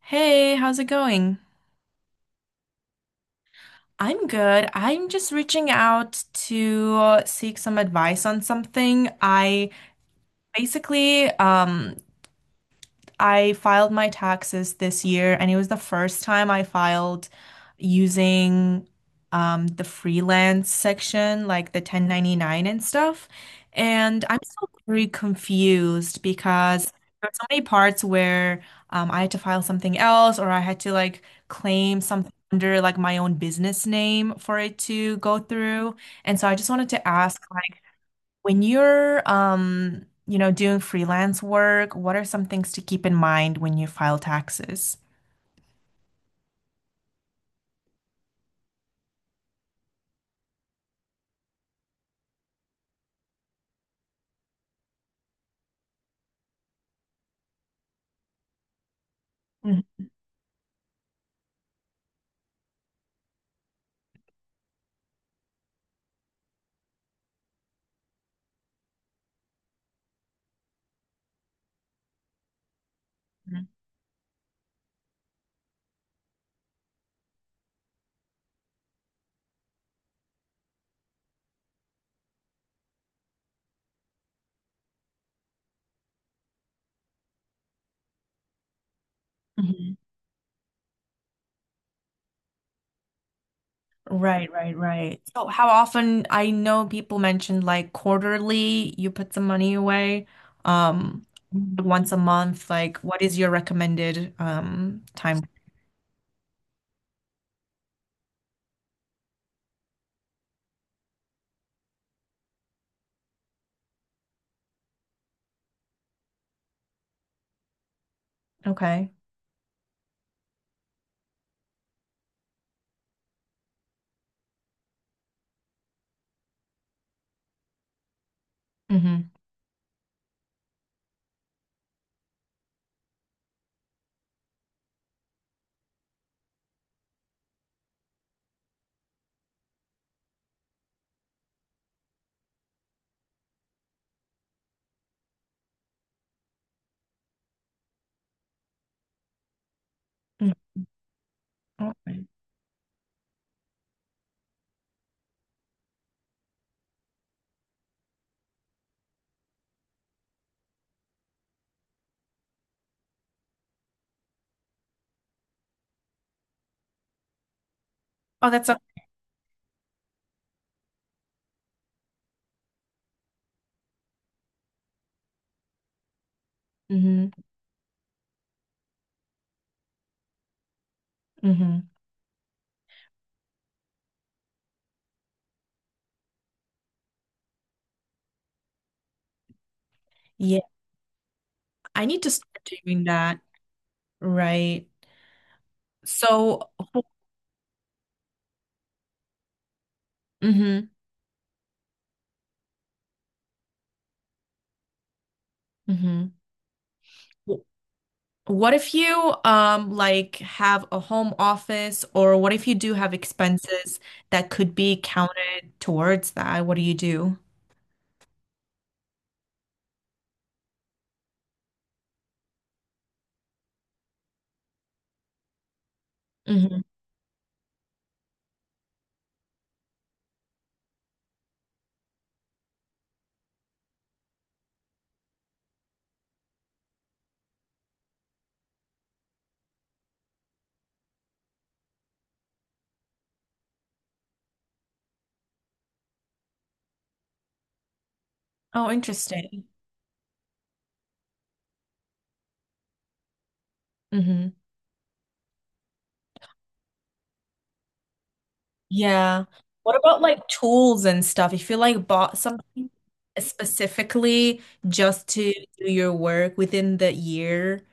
Hey, how's it going? I'm good. I'm just reaching out to seek some advice on something. I basically I filed my taxes this year, and it was the first time I filed using the freelance section, like the 1099 and stuff. And I'm still very confused because there are so many parts where I had to file something else, or I had to like claim something under like my own business name for it to go through. And so I just wanted to ask when you're, doing freelance work, what are some things to keep in mind when you file taxes? Mhm, mhm. Right, right, right. So how often, I know people mentioned like quarterly, you put some money away, um, once a month, like what is your recommended time? Okay. Mm-hmm. Okay. Oh, that's a. hmm hmm Yeah, I need to start doing that. Right. So, hmm hmm what if you like have a home office, or what if you do have expenses that could be counted towards that? What do you do? Hmm Oh, interesting. Hmm Yeah. What about like tools and stuff? If you like bought something specifically just to do your work within the year.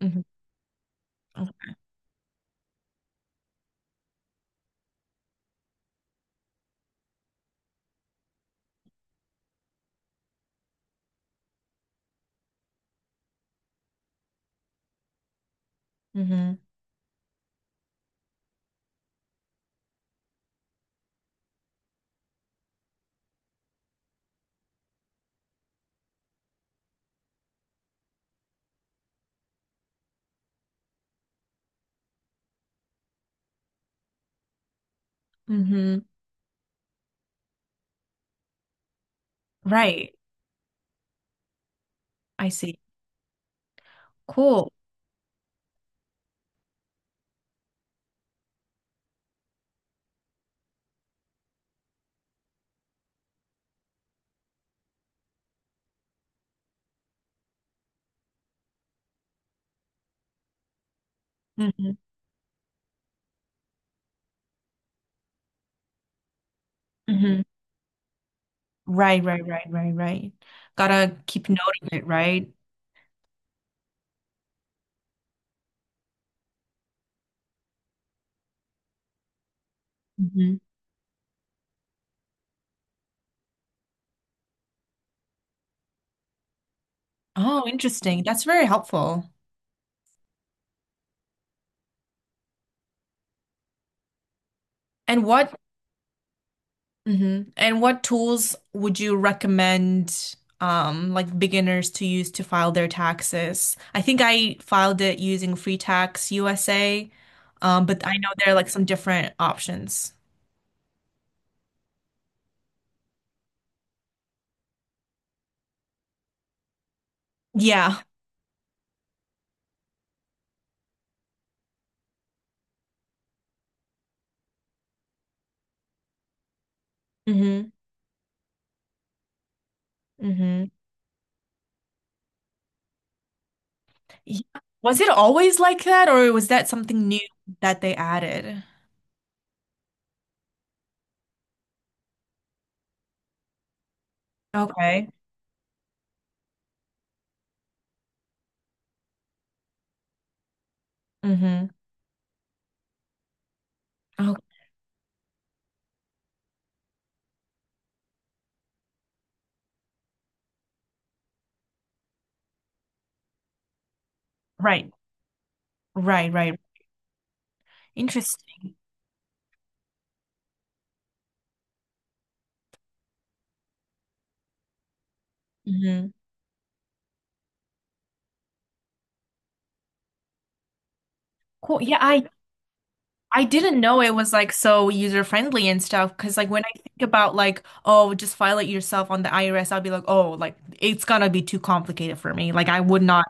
Hmm hmm hmm Right. I see. Cool. hmm hmm Right, right, right, right, right. Gotta keep note of it, right? hmm Oh, interesting. That's very helpful. And what, hmm and what tools would you recommend, like beginners to use to file their taxes? I think I filed it using Free Tax USA, but I know there are like some different options. Yeah. hmm hmm Yeah. Was it always like that, or was that something new that they added? Okay. hmm Oh, right. Right, right. Interesting. Hmm Cool. Yeah, I didn't know it was like so user friendly and stuff. Because like when I think about like, oh, just file it yourself on the IRS, I'll be like, oh, like it's gonna be too complicated for me. Like I would not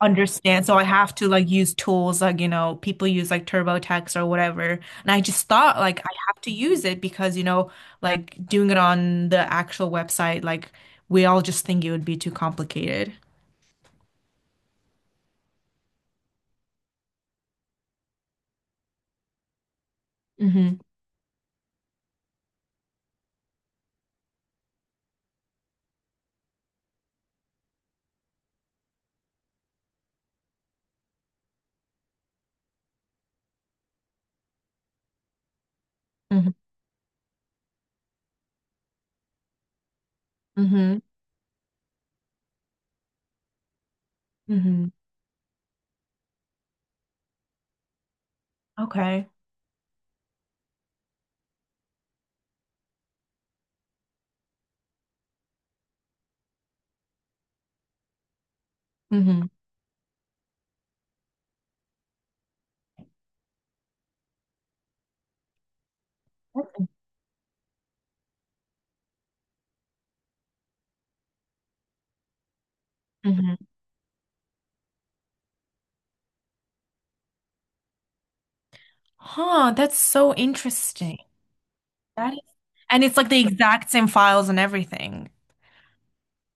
understand. So I have to like use tools like, you know, people use like TurboTax or whatever. And I just thought like I have to use it because, you know, like doing it on the actual website, like we all just think it would be too complicated. Mm-hmm. Mm-hmm. Mm-hmm. Mm-hmm. Okay. hmm hmm Huh, that's so interesting. That is, and it's like the exact same files and everything.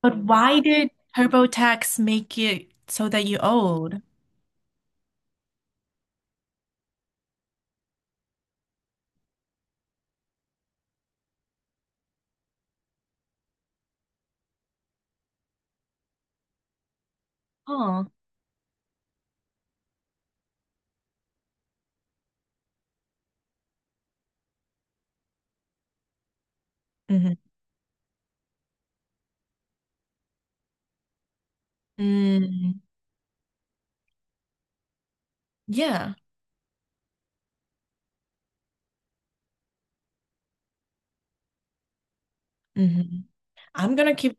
But why did TurboTax make it so that you owed? Huh. hmm Mm, yeah. hmm I'm gonna keep,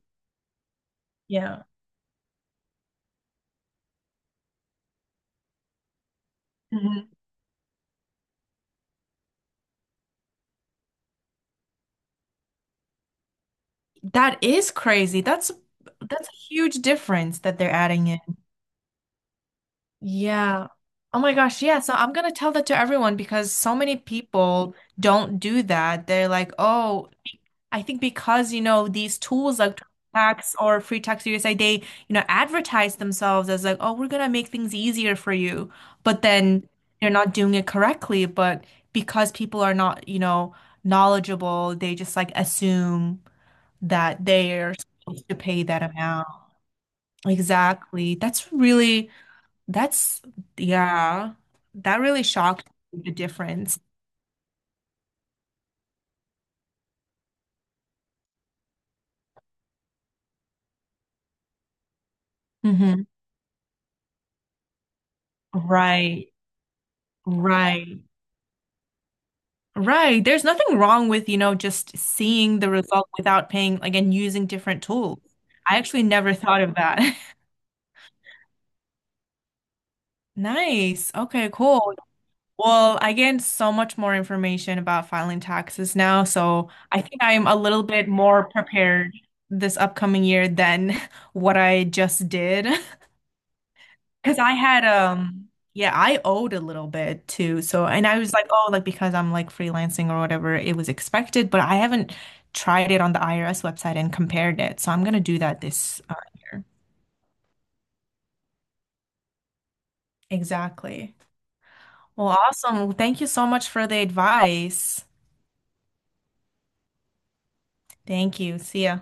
yeah. Mhm. That is crazy. That's a huge difference that they're adding in. Yeah. Oh my gosh, yeah. So I'm gonna tell that to everyone because so many people don't do that. They're like, oh, I think because, you know, these tools like Tax or Free Tax USA, they, you know, advertise themselves as like, oh, we're gonna make things easier for you. But then they're not doing it correctly. But because people are not, you know, knowledgeable, they just like assume that they're supposed to pay that amount. Exactly. That's really, that's, yeah, that really shocked me, the difference. Hmm Right. Right. Right. There's nothing wrong with, you know, just seeing the result without paying, like, and using different tools. I actually never thought of that. Nice. Okay, cool. Well, I get so much more information about filing taxes now, so I think I'm a little bit more prepared this upcoming year than what I just did. Because I had yeah, I owed a little bit too. So and I was like, oh, like because I'm like freelancing or whatever, it was expected, but I haven't tried it on the IRS website and compared it. So I'm gonna do that this year. Exactly. Well, awesome. Thank you so much for the advice. Thank you. See ya.